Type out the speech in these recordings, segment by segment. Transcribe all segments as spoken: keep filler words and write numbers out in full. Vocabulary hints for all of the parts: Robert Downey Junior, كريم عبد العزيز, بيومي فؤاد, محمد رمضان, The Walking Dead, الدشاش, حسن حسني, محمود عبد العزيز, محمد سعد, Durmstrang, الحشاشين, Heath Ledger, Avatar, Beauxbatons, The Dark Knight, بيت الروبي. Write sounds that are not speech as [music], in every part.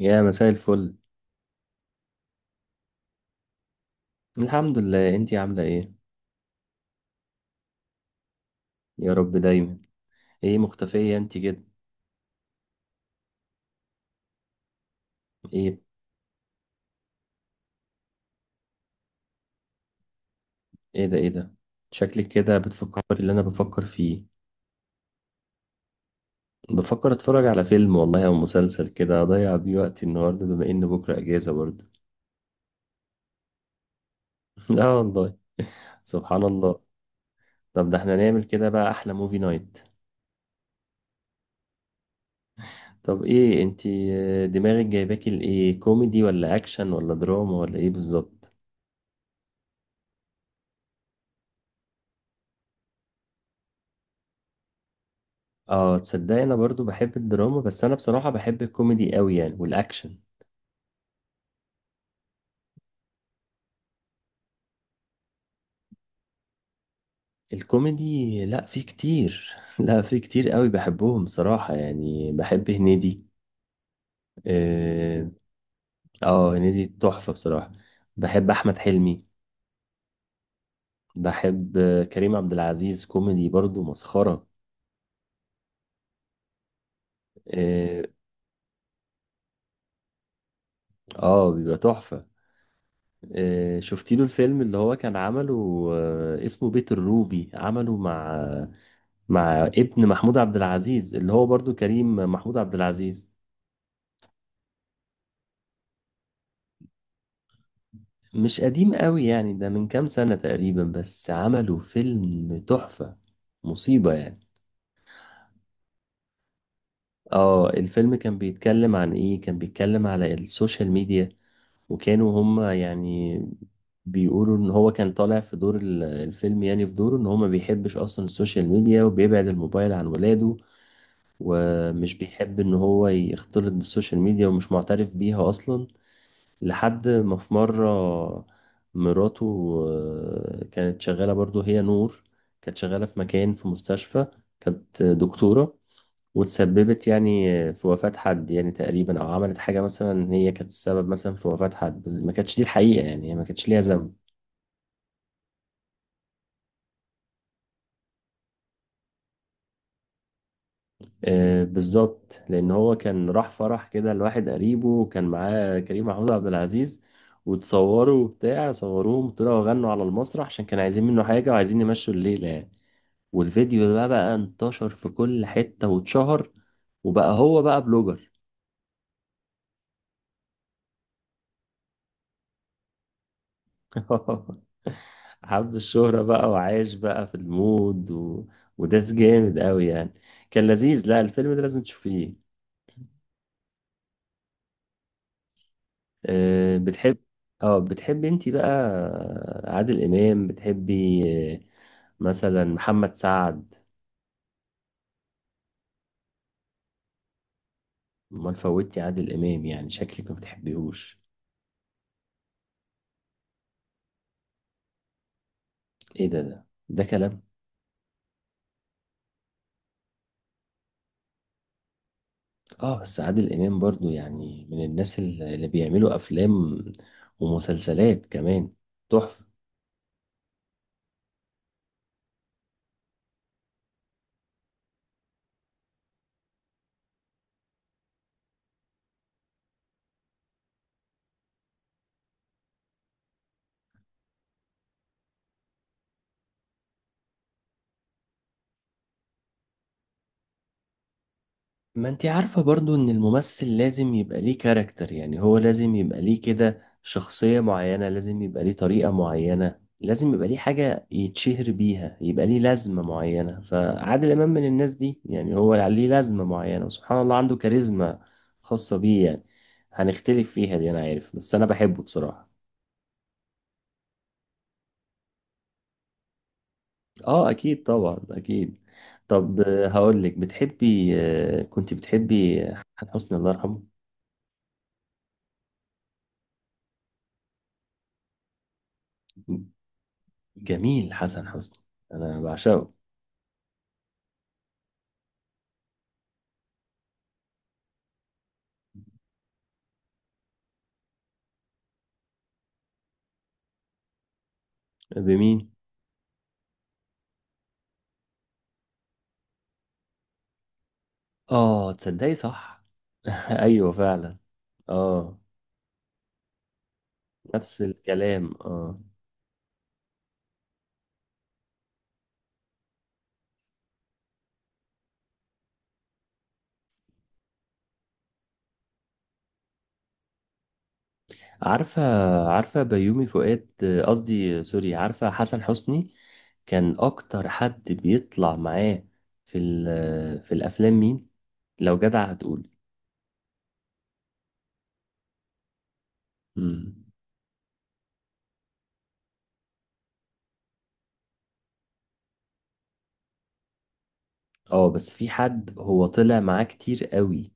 يا مساء الفل. الحمد لله، انتي عاملة ايه؟ يا رب دايما. ايه مختفية انتي كده؟ ايه؟ ايه ده؟ ايه ده؟ شكلك كده بتفكر اللي انا بفكر فيه. بفكر اتفرج على فيلم والله، او مسلسل كده اضيع بيه وقتي النهاردة، بما ان بكرة اجازة برضه. [laughs] لا والله. سبحان الله. طب ده احنا نعمل كده بقى احلى موفي نايت. طب ايه انتي، اه، دماغك جايباكي لايه، كوميدي ولا اكشن ولا دراما ولا ايه بالظبط؟ اه، تصدقي انا برضو بحب الدراما، بس انا بصراحة بحب الكوميدي قوي يعني والاكشن. الكوميدي، لا في كتير، [laughs] لا في كتير قوي بحبهم بصراحة، يعني بحب هنيدي. اه. آه، هنيدي تحفة بصراحة. بحب أحمد حلمي. بحب آه، كريم عبد العزيز كوميدي برضو مسخرة. اه. آه، بيبقى تحفة. آه شفتي له الفيلم اللي هو كان عمله، آه اسمه بيت الروبي، عمله مع مع ابن محمود عبد العزيز، اللي هو برضو كريم محمود عبد العزيز. مش قديم قوي يعني، ده من كام سنة تقريبا، بس عملوا فيلم تحفة. مصيبة يعني. اه، الفيلم كان بيتكلم عن ايه، كان بيتكلم على السوشيال ميديا، وكانوا هما يعني بيقولوا ان هو كان طالع في دور ال- الفيلم، يعني في دوره ان هو ما بيحبش اصلا السوشيال ميديا، وبيبعد الموبايل عن ولاده، ومش بيحب ان هو يختلط بالسوشيال ميديا، ومش معترف بيها اصلا. لحد ما في مرة مراته آه، كانت شغالة برضو، هي نور، كانت شغالة في مكان في مستشفى، كانت دكتورة، وتسببت يعني في وفاة حد يعني تقريبا، أو عملت حاجة مثلا إن هي كانت السبب مثلا في وفاة حد، بس ما كانتش دي الحقيقة يعني، هي ما كانتش ليها ذنب. آه، بالظبط، لأن هو كان راح فرح كده لواحد قريبه، وكان معاه كريم محمود عبد العزيز، وتصوروا وبتاع، صوروهم طلعوا غنوا على المسرح عشان كانوا عايزين منه حاجة وعايزين يمشوا الليلة يعني. والفيديو ده بقى بقى انتشر في كل حتة واتشهر، وبقى هو بقى بلوجر. [laughs] حب الشهرة بقى، وعايش بقى في المود و... وداس جامد قوي يعني. كان لذيذ، لا الفيلم ده لازم تشوفيه. أه بتحب اه بتحبي انتي بقى، عادل امام بتحبي؟ آه، مثلا محمد سعد. امال فوتي عادل امام يعني، شكلك ما بتحبيهوش. ايه ده ده ده كلام؟ اه بس عادل امام برضو يعني من الناس ال- اللي بيعملوا افلام ومسلسلات كمان، تحفه. ما انتي عارفه برضو ان الممثل لازم يبقى ليه كاركتر، يعني هو لازم يبقى ليه كده شخصيه معينه، لازم يبقى ليه طريقه معينه، لازم يبقى ليه حاجه يتشهر بيها، يبقى ليه لازمه معينه، فعادل امام من الناس دي يعني، هو ليه لازمه معينه، وسبحان الله عنده كاريزما خاصه بيه يعني. هنختلف فيها دي، انا عارف، بس انا بحبه بصراحه. اه اكيد، طبعا اكيد. طب، آه، هقول لك، بتحبي آه، كنت بتحبي آه، حسن حسني الله يرحمه؟ جميل حسن حسني، انا بعشقه. بمين؟ اه تصدقي، صح. [laughs] ايوه فعلا. اه، نفس الكلام اه. عارفه، عارفه بيومي فؤاد، آه، قصدي، آه، سوري، عارفه حسن حسني كان اكتر حد بيطلع معاه في ال- في الافلام، مين؟ لو جدع هتقول. مم. اه بس في حد هو طلع معاه كتير قوي.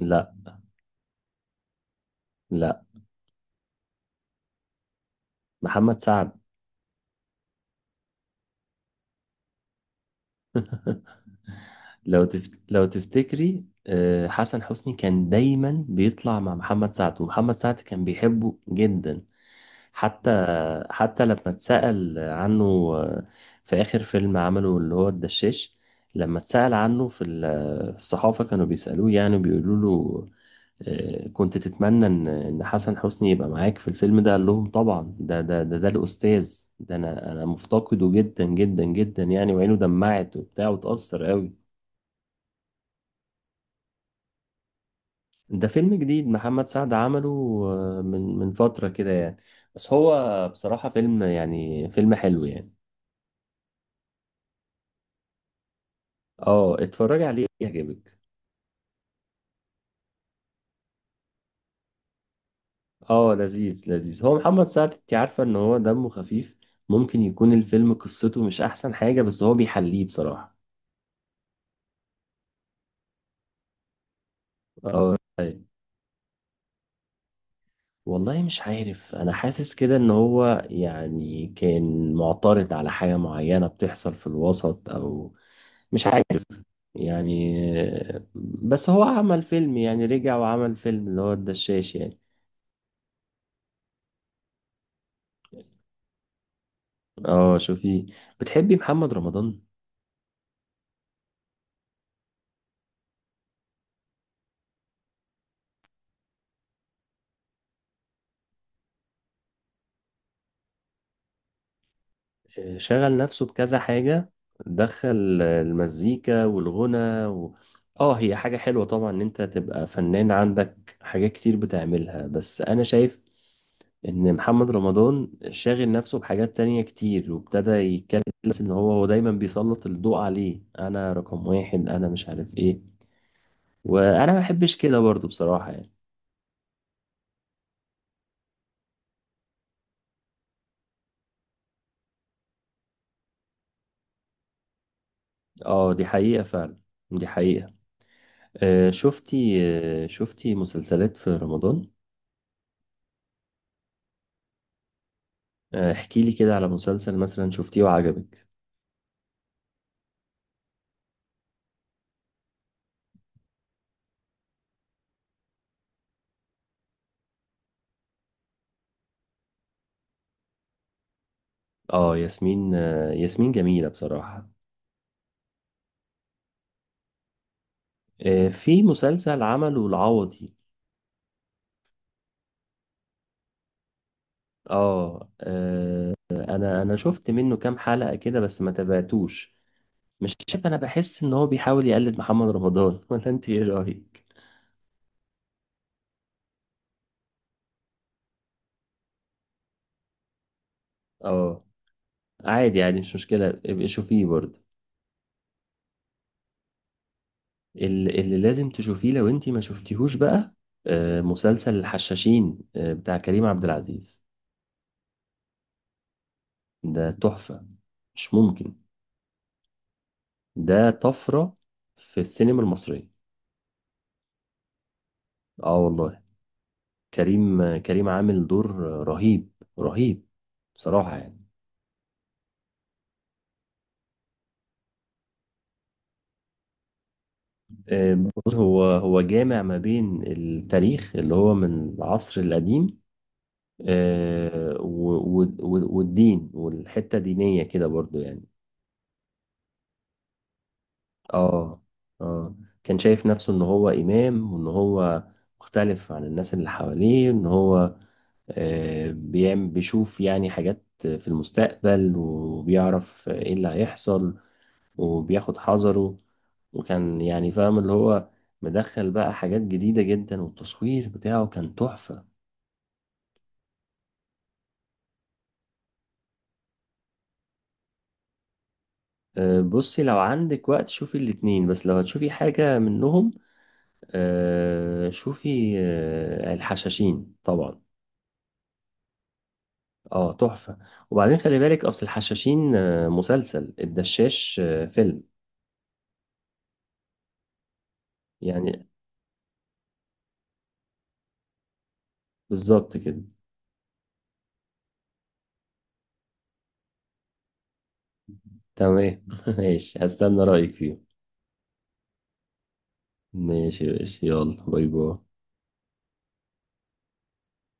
لا، لا، محمد سعد. [laughs] لو تف... لو تفتكري آه، حسن حسني كان دايما بيطلع مع محمد سعد، ومحمد سعد كان بيحبه جدا. حتى حتى لما اتسأل عنه آه، في آخر فيلم عمله اللي هو الدشاش، لما اتسأل عنه في ال- الصحافة، كانوا بيسألوه يعني، بيقولوا له، آه، كنت تتمنى ان ان حسن حسني يبقى معاك في الفيلم ده؟ قال لهم طبعا، ده ده ده ده الاستاذ، ده انا، انا مفتقده جدا جدا جدا يعني، وعينه دمعت وبتاع، وتأثر قوي. ده فيلم جديد محمد سعد عمله آه، من من فترة كده يعني، بس هو بصراحة فيلم يعني فيلم حلو يعني. اه اتفرج عليه يعجبك. اه لذيذ لذيذ، هو محمد سعد انت عارفة ان هو دمه خفيف، ممكن يكون الفيلم قصته مش احسن حاجة، بس هو بيحليه بصراحة. اه والله مش عارف، انا حاسس كده ان هو يعني كان معترض على حاجة معينة بتحصل في الوسط، او مش عارف يعني، بس هو عمل فيلم يعني، رجع وعمل فيلم اللي هو الدشاش يعني. اه شوفي، بتحبي محمد رمضان؟ آه، شغل نفسه بكذا حاجة، دخل المزيكا والغنى و... اه هي حاجة حلوة طبعا ان انت تبقى فنان عندك حاجات كتير بتعملها، بس انا شايف ان محمد رمضان شاغل نفسه بحاجات تانية كتير، وابتدى يتكلم، بس ان هو هو دايما بيسلط الضوء عليه، انا رقم واحد، انا مش عارف ايه، وانا ما بحبش كده برضو بصراحة يعني. اه دي حقيقة فعلا، دي حقيقة. آه شفتي آه شفتي مسلسلات في رمضان؟ آه، احكي لي كده على مسلسل مثلا شفتيه وعجبك. اه ياسمين آه ياسمين جميلة بصراحة. آه في مسلسل عمله العوضي. اه، آه، انا انا شفت منه كام حلقة كده بس ما تابعتوش. مش شايف، انا بحس ان هو بيحاول يقلد محمد رمضان. [laughs] ولا انت ايه رأيك؟ اه عادي يعني، مش مشكلة، ابقي شوفيه برضه. ال- اللي لازم تشوفيه لو انت ما شفتيهوش بقى، آه، مسلسل الحشاشين آه، بتاع كريم عبد العزيز. ده تحفة، مش ممكن. ده طفرة في السينما المصرية. اه والله. كريم كريم عامل دور رهيب رهيب بصراحة يعني. آه، بص، هو هو جامع ما بين التاريخ اللي هو من العصر القديم، آه، و- و- و- والدين والحتة دينية كده برضو يعني. اه اه، كان شايف نفسه ان هو امام، وان هو مختلف عن الناس اللي حواليه، ان هو آه، بيعمل بيشوف يعني حاجات في المستقبل، وبيعرف ايه اللي هيحصل، وبياخد حذره، وكان يعني فاهم اللي هو مدخل بقى حاجات جديدة جدا، والتصوير بتاعه كان تحفة. أه، بصي، لو عندك وقت شوفي الاتنين، بس لو هتشوفي حاجة منهم، أه، شوفي أه، الحشاشين طبعا. اه تحفة. وبعدين خلي بالك، اصل الحشاشين أه، مسلسل، الدشاش أه، فيلم. يعني بالظبط كده. تمام. [laughs] ماشي، هستنى رأيك فيه. ماشي ماشي، يلا باي باي.